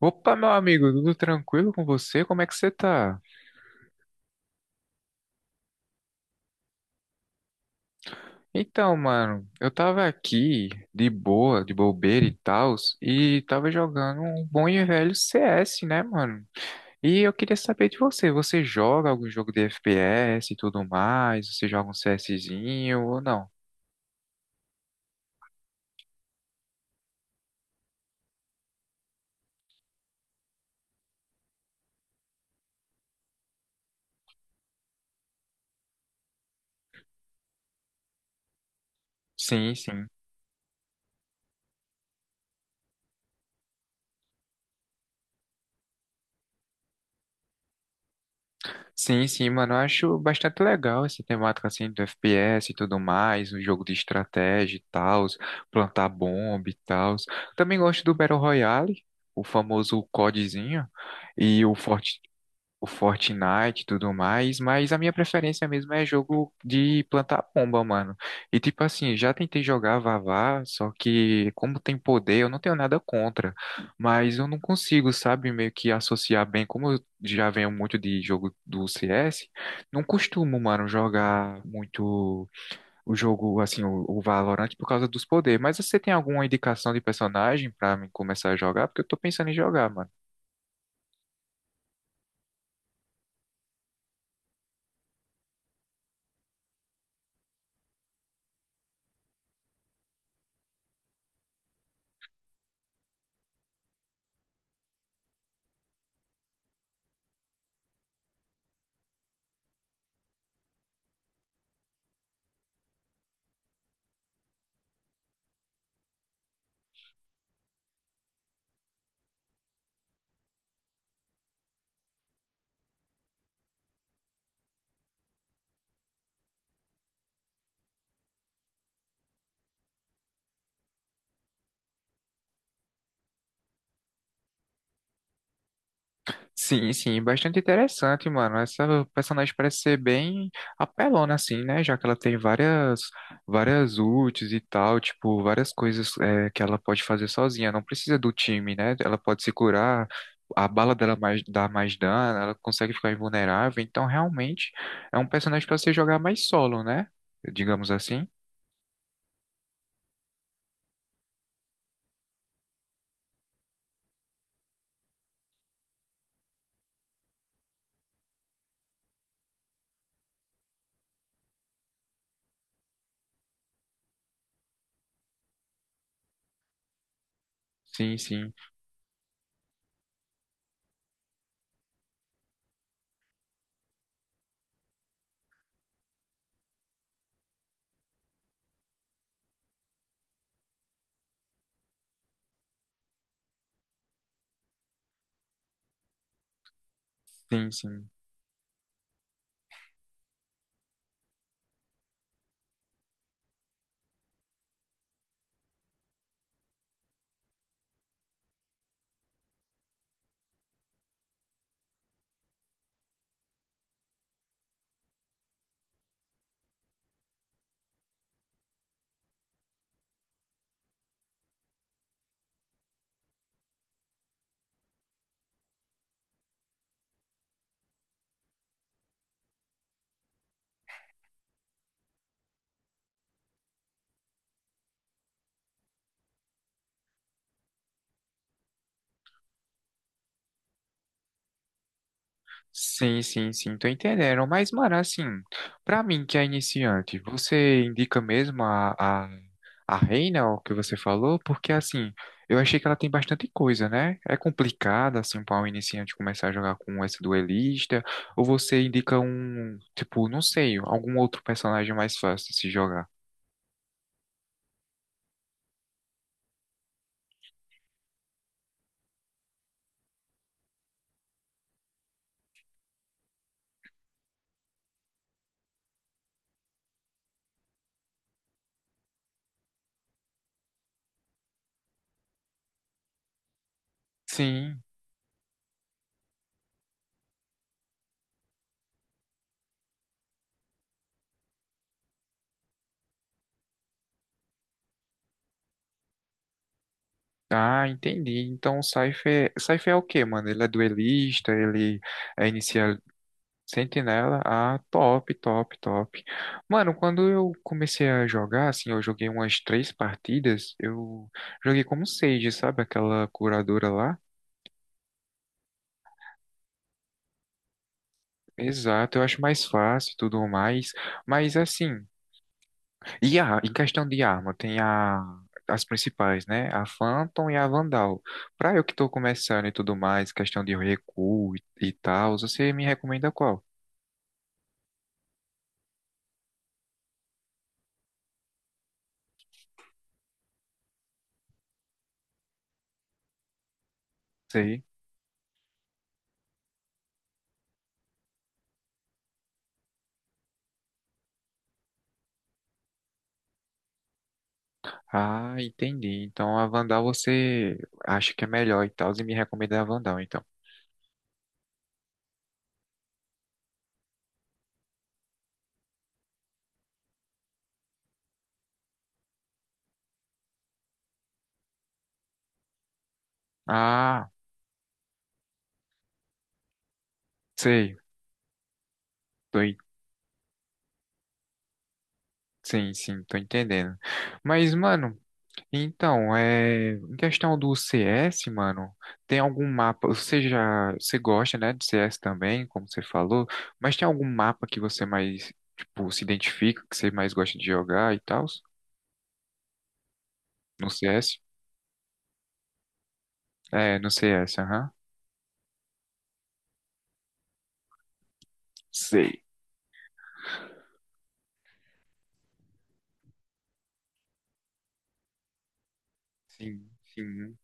Opa, meu amigo, tudo tranquilo com você? Como é que você tá? Então, mano, eu tava aqui de boa, de bobeira e tal, e tava jogando um bom e velho CS, né, mano? E eu queria saber de você, você joga algum jogo de FPS e tudo mais? Você joga um CSzinho ou não? Sim, sim. Sim, sim, mano, eu acho bastante legal essa temática assim do FPS e tudo mais, um jogo de estratégia e tal, plantar bomba e tal. Também gosto do Battle Royale, o famoso CODzinho e o Fortnite e tudo mais, mas a minha preferência mesmo é jogo de plantar pomba, mano. E tipo assim, já tentei jogar Vavá, só que como tem poder, eu não tenho nada contra, mas eu não consigo, sabe, meio que associar bem, como eu já venho muito de jogo do CS, não costumo, mano, jogar muito o jogo, assim, o Valorant por causa dos poderes, mas você tem alguma indicação de personagem pra mim começar a jogar? Porque eu tô pensando em jogar, mano. Sim, sim, bastante interessante, mano. Essa personagem parece ser bem apelona, assim, né? Já que ela tem várias ults e tal, tipo, várias coisas é, que ela pode fazer sozinha. Não precisa do time, né? Ela pode se curar, a bala dela dá mais dano, ela consegue ficar invulnerável. Então, realmente, é um personagem para você jogar mais solo, né? Digamos assim. Sim, sim, sim, sim. Sim, sim, sim, tô entendendo. Mas, mano, assim, pra mim que é iniciante, você indica mesmo a, a Reina, o que você falou? Porque, assim, eu achei que ela tem bastante coisa, né? É complicado, assim, pra um iniciante começar a jogar com essa duelista, ou você indica um, tipo, não sei, algum outro personagem mais fácil de se jogar? Sim. Ah, entendi. Então, o Cypher, Cypher é o quê, mano? Ele é duelista, ele é Sentinela, ah, top, top, top. Mano, quando eu comecei a jogar, assim, eu joguei umas três partidas, eu joguei como Sage, sabe? Aquela curadora lá. Exato, eu acho mais fácil e tudo mais. Mas assim, em questão de arma, tem as principais, né? A Phantom e a Vandal. Pra eu que tô começando e tudo mais, questão de recuo e tal, você me recomenda qual? Sei. Ah, entendi. Então a Vandal você acha que é melhor e tal, e me recomenda a Vandal, então. Ah, sei. Tô, en- sim, sim, tô entendendo. Mas, mano, então, é, em questão do CS, mano, tem algum mapa, você gosta, né, de CS também, como você falou, mas tem algum mapa que você mais, tipo, se identifica, que você mais gosta de jogar e tal? No CS? É, no CS, aham. Sei. Sim, sim.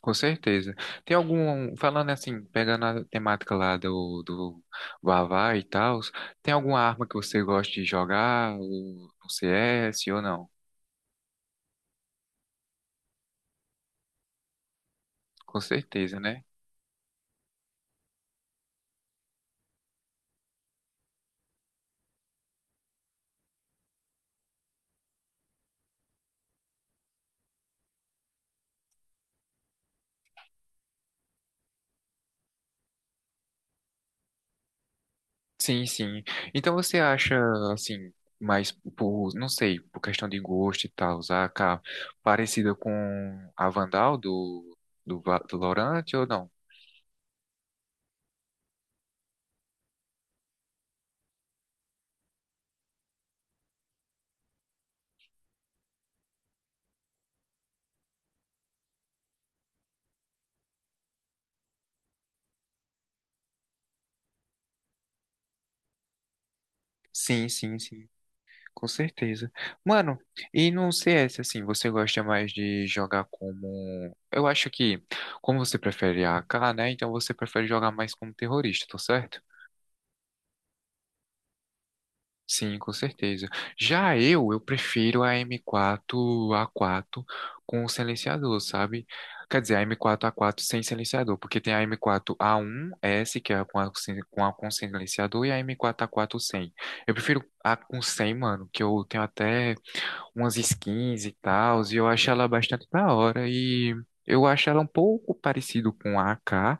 Com certeza. Tem algum, falando assim, pegando a temática lá do Vavá e tal, tem alguma arma que você gosta de jogar ou no CS ou não? Com certeza, né? Sim, sim. Então você acha, assim, mais por, não sei, por questão de gosto e tal, a AK parecida com a Vandal do Valorant ou não? Sim, sim, sim. Com certeza. Mano, e no CS, assim, você gosta mais de jogar como. Eu acho que, como você prefere a AK, né? Então você prefere jogar mais como terrorista, tá certo? Sim, com certeza. Já eu prefiro a M4 A4 com o silenciador, sabe? Quer dizer, a M4 A4 sem silenciador, porque tem a M4 A1S, que é com a com silenciador, e a M4 A4 sem. Eu prefiro a com sem, mano, que eu tenho até umas skins e tal, e eu acho ela bastante da hora. E eu acho ela um pouco parecido com a AK,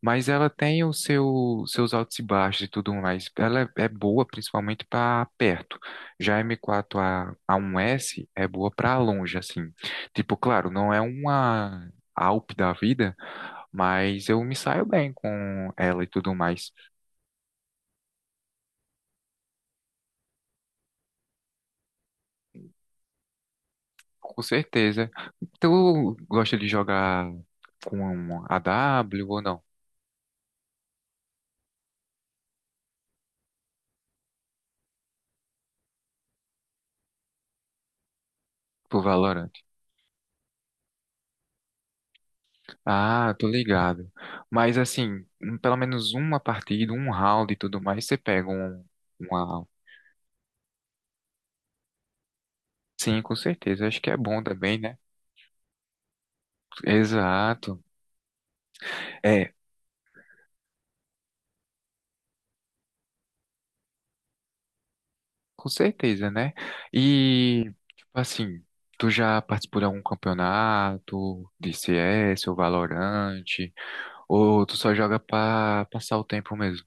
mas ela tem os seus altos e baixos e tudo mais. Ela é boa principalmente para perto. Já a M4 A1S é boa para longe, assim. Tipo, claro, não é uma Alp da vida, mas eu me saio bem com ela e tudo mais. Com certeza. Tu gosta de jogar com a W ou não? Pro Valorant. Ah, tô ligado. Mas assim, pelo menos uma partida, um round e tudo mais, você pega uma. Sim, com certeza. Acho que é bom também, né? Exato. É, com certeza, né? E, tipo assim, tu já participou de algum campeonato de CS ou Valorant? Ou tu só joga pra passar o tempo mesmo?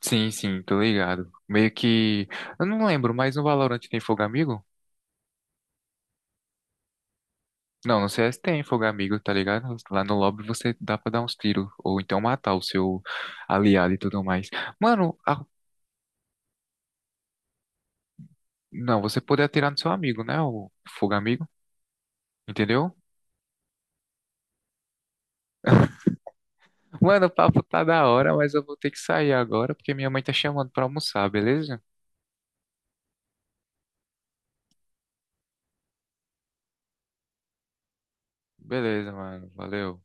Sim, sim, tô ligado. Meio que. Eu não lembro, mas no Valorant tem fogo amigo? Não, no CS tem fogo amigo, tá ligado? Lá no lobby você dá pra dar uns tiros, ou então matar o seu aliado e tudo mais. Mano, não, você pode atirar no seu amigo, né? O fogo amigo, entendeu? Mano, o papo tá da hora, mas eu vou ter que sair agora porque minha mãe tá chamando pra almoçar, beleza? Beleza, mano, valeu.